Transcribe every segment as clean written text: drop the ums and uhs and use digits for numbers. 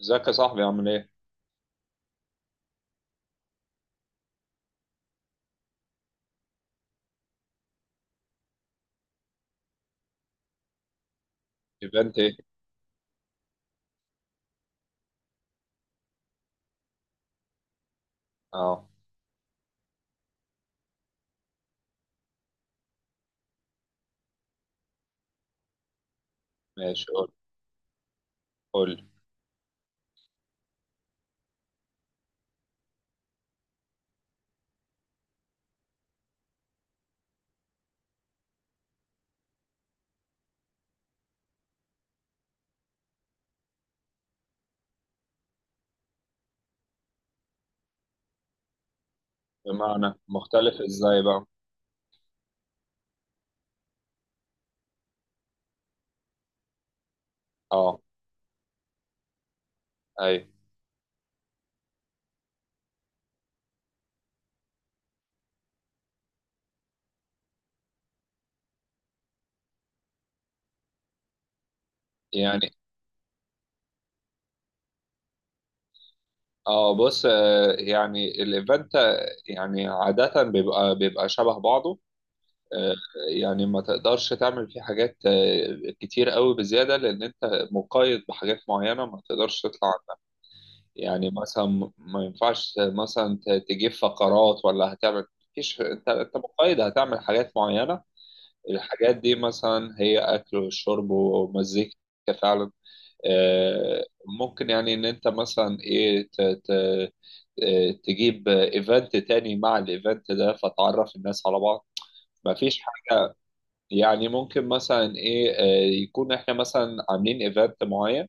ازيك يا صاحبي، عامل ايه؟ ايفنت ايه؟ اه. ماشي، قول قول. بمعنى مختلف ازاي بقى؟ اه. اي. يعني اه. بص، يعني الايفنت، يعني عادة بيبقى شبه بعضه. آه، يعني ما تقدرش تعمل فيه حاجات كتير قوي بزيادة، لأن أنت مقيد بحاجات معينة ما تقدرش تطلع عنها. يعني مثلا ما ينفعش مثلا تجيب فقرات، ولا هتعمل؟ مفيش. أنت مقيد، هتعمل حاجات معينة. الحاجات دي مثلا هي أكل وشرب ومزيكا، فعلا. آه، ممكن يعني إن أنت مثلا إيه تجيب إيفنت تاني مع الإيفنت ده، فتعرف الناس على بعض. مفيش حاجة، يعني ممكن مثلا إيه يكون إحنا مثلا عاملين إيفنت معين،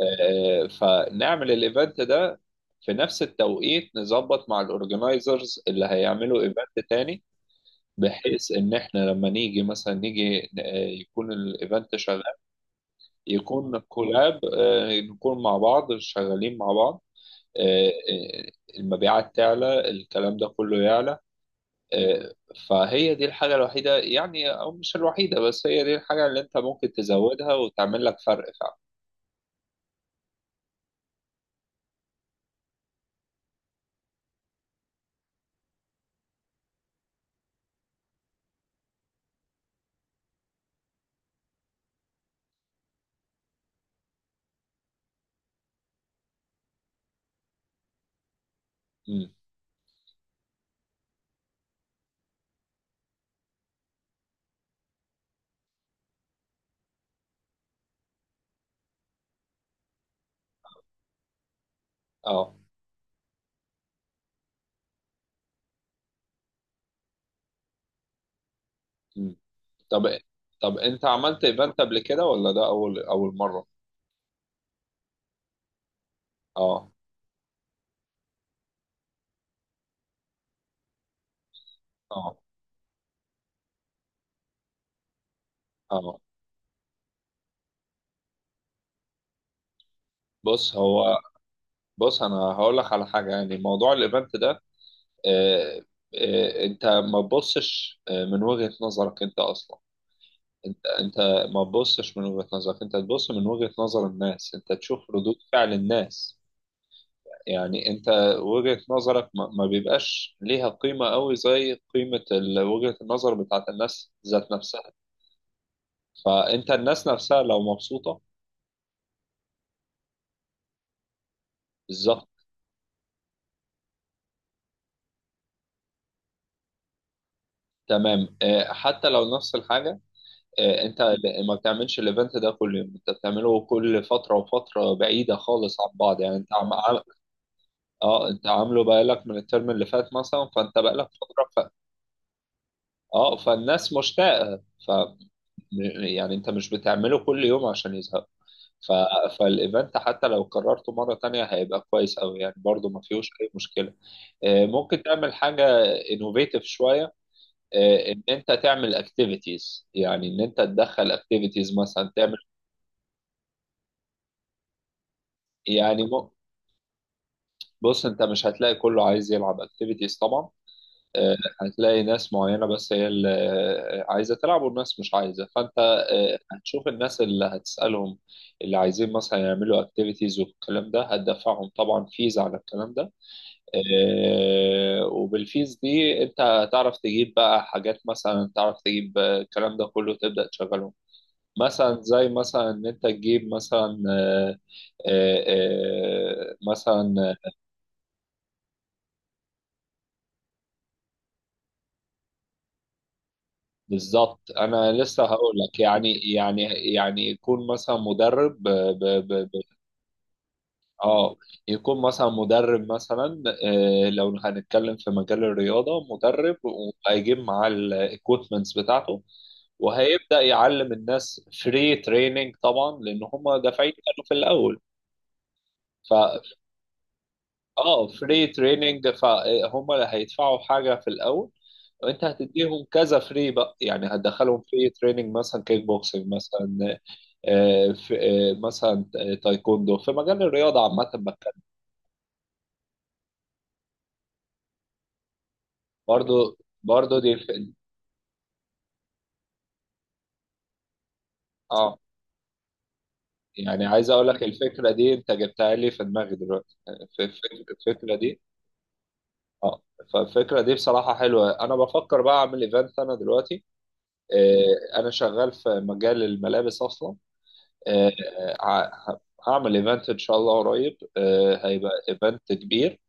فنعمل الإيفنت ده في نفس التوقيت، نظبط مع الأورجنايزرز اللي هيعملوا إيفنت تاني، بحيث ان احنا لما نيجي مثلا نيجي يكون الايفنت شغال، يكون كولاب. نكون مع بعض، شغالين مع بعض. آه، آه، المبيعات تعلى، الكلام ده كله يعلى. آه، فهي دي الحاجة الوحيدة، يعني او مش الوحيدة، بس هي دي الحاجة اللي انت ممكن تزودها وتعمل لك فرق فعلا. مم. اه. مم. طب طب انت عملت ايفنت قبل كده، ولا ده اول اول مرة؟ اه. اه. اه. بص هو بص، انا هقول لك على حاجه. يعني موضوع الايفنت ده، آه، انت ما تبصش من وجهه نظرك انت اصلا. انت ما تبصش من وجهه نظرك، انت تبص من وجهه نظر الناس، انت تشوف ردود فعل الناس. يعني انت وجهه نظرك ما بيبقاش ليها قيمه قوي زي قيمه وجهه النظر بتاعت الناس ذات نفسها. فانت الناس نفسها لو مبسوطه، بالظبط. تمام. حتى لو نفس الحاجه، انت ما بتعملش الايفنت ده كل يوم، انت بتعمله كل فتره وفتره بعيده خالص عن بعض. يعني انت اه، انت عامله بقالك من الترم اللي فات مثلا، فانت بقالك فتره. اه، فالناس مشتاقه. يعني انت مش بتعمله كل يوم عشان يزهق. ف... فالايفنت حتى لو قررته مره تانية هيبقى كويس قوي، يعني برضو ما فيهوش اي مشكله. ممكن تعمل حاجه انوفيتيف شويه، ان انت تعمل اكتيفيتيز، يعني ان انت تدخل اكتيفيتيز مثلا تعمل. يعني بص، انت مش هتلاقي كله عايز يلعب اكتيفيتيز طبعا. آه، هتلاقي ناس معينة بس هي اللي عايزة تلعب، والناس مش عايزة. فانت هتشوف الناس اللي هتسألهم اللي عايزين مثلا يعملوا اكتيفيتيز والكلام ده، هتدفعهم طبعا فيز على الكلام ده. وبالفيز دي انت هتعرف تجيب بقى حاجات، مثلا تعرف تجيب الكلام ده كله، تبدأ تشغلهم. مثلا زي مثلا ان انت تجيب مثلا، مثلا. بالظبط، انا لسه هقول لك. يعني يكون مثلا مدرب ب ب ب ب اه. يكون مثلا مدرب مثلا، آه لو هنتكلم في مجال الرياضه، مدرب وهيجيب معاه الايكويبمنتس بتاعته، وهيبدا يعلم الناس فري تريننج طبعا، لان هم دافعين كانوا في الاول. ف اه فري تريننج، فهم اللي هيدفعوا حاجه في الاول، وانت هتديهم كذا فري بقى، يعني هتدخلهم فري تريننج مثلا كيك بوكسنج مثلا، في مثلا تايكوندو، في مجال الرياضة عامة بتكلم. برضو برضو دي. اه، يعني عايز اقول لك، الفكرة دي انت جبتها لي في دماغي دلوقتي. الفكرة دي، اه، فالفكرة دي بصراحة حلوة. انا بفكر بقى اعمل ايفنت انا دلوقتي. انا شغال في مجال الملابس اصلا. آه، ه- هعمل ايفنت ان شاء الله قريب. هيبقى ايفنت كبير.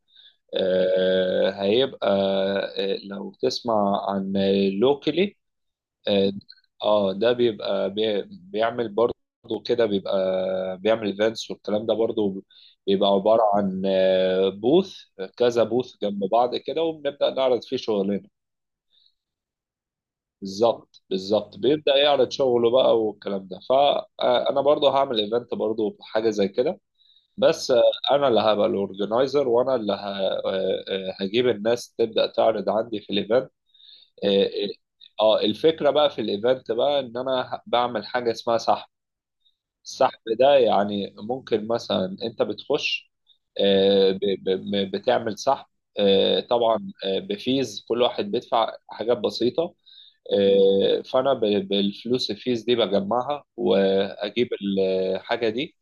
هيبقى، لو تسمع عن لوكلي، اه. ده بيبقى، بيعمل برضه كده، بيبقى بيعمل ايفنتس والكلام ده برضه. بيبقى عبارة عن بوث، كذا بوث جنب بعض كده، وبنبدأ نعرض فيه شغلنا. بالظبط بالظبط، بيبدأ يعرض شغله بقى والكلام ده. فأنا برضه هعمل ايفنت برضه حاجة زي كده. بس أنا اللي هبقى الأورجنايزر، وأنا اللي هجيب الناس تبدأ تعرض عندي في الايفنت. اه. الفكرة بقى في الايفنت بقى ان انا بعمل حاجة اسمها سحب. السحب ده، يعني ممكن مثلا انت بتخش بتعمل سحب. طبعا بفيز، كل واحد بيدفع حاجات بسيطة. فانا بالفلوس، الفيز دي بجمعها واجيب الحاجة دي.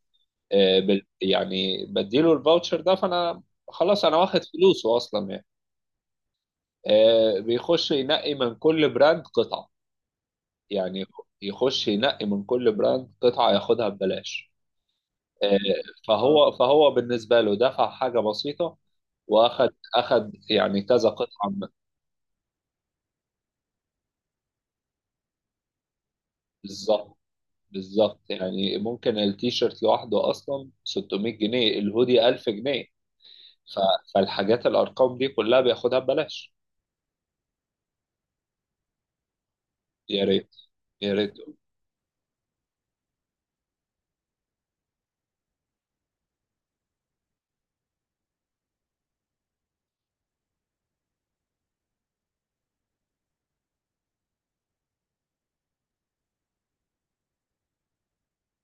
يعني بديله الفاوتشر ده، فانا خلاص انا واخد فلوسه اصلا، يعني. بيخش ينقي من كل براند قطعة، يعني يخش ينقي من كل براند قطعة، ياخدها ببلاش. آه، فهو بالنسبة له دفع حاجة بسيطة، اخد يعني كذا قطعة من- بالظبط بالظبط. يعني ممكن التيشيرت لوحده اصلا 600 جنيه، الهودي 1000 جنيه. فالحاجات، الارقام دي كلها بياخدها ببلاش. يا ريت يا ريت.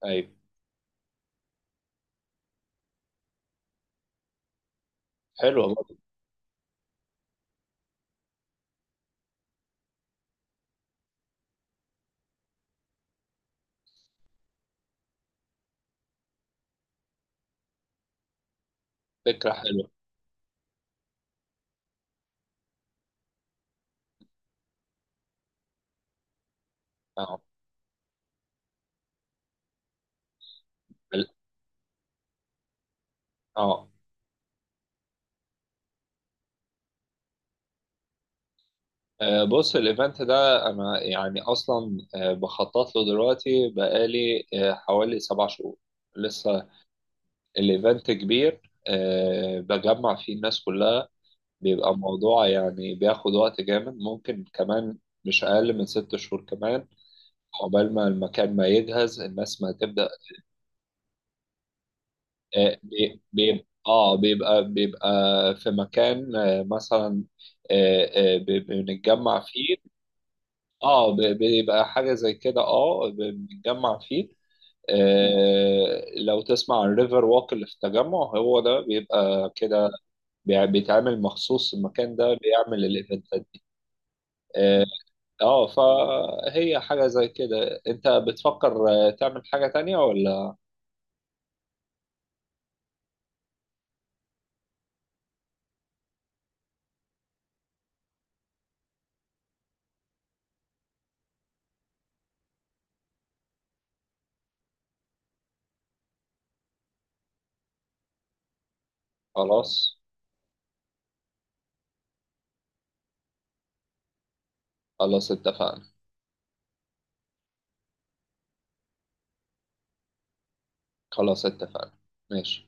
ايوه، حلوة برضه، فكرة حلوة. اه. ال- اه بص الايفنت ده انا يعني اصلا بخطط له دلوقتي بقالي حوالي 7 شهور لسه. الايفنت كبير، بجمع فيه الناس كلها. بيبقى الموضوع يعني بياخد وقت جامد ممكن كمان، مش اقل من 6 شهور كمان، عقبال ما المكان ما يجهز، الناس ما تبدا. بيبقى في مكان مثلا، بنتجمع فيه. بيبقى حاجة زي كده، بنتجمع فيه. لو تسمع عن الريفر ووك اللي في التجمع، هو ده بيبقى كده. بيتعمل مخصوص، المكان ده بيعمل الايفنتات دي. اه. فهي حاجة زي كده. انت بتفكر تعمل حاجة تانية ولا؟ خلاص. خلاص اتفقنا. خلاص اتفقنا. ماشي.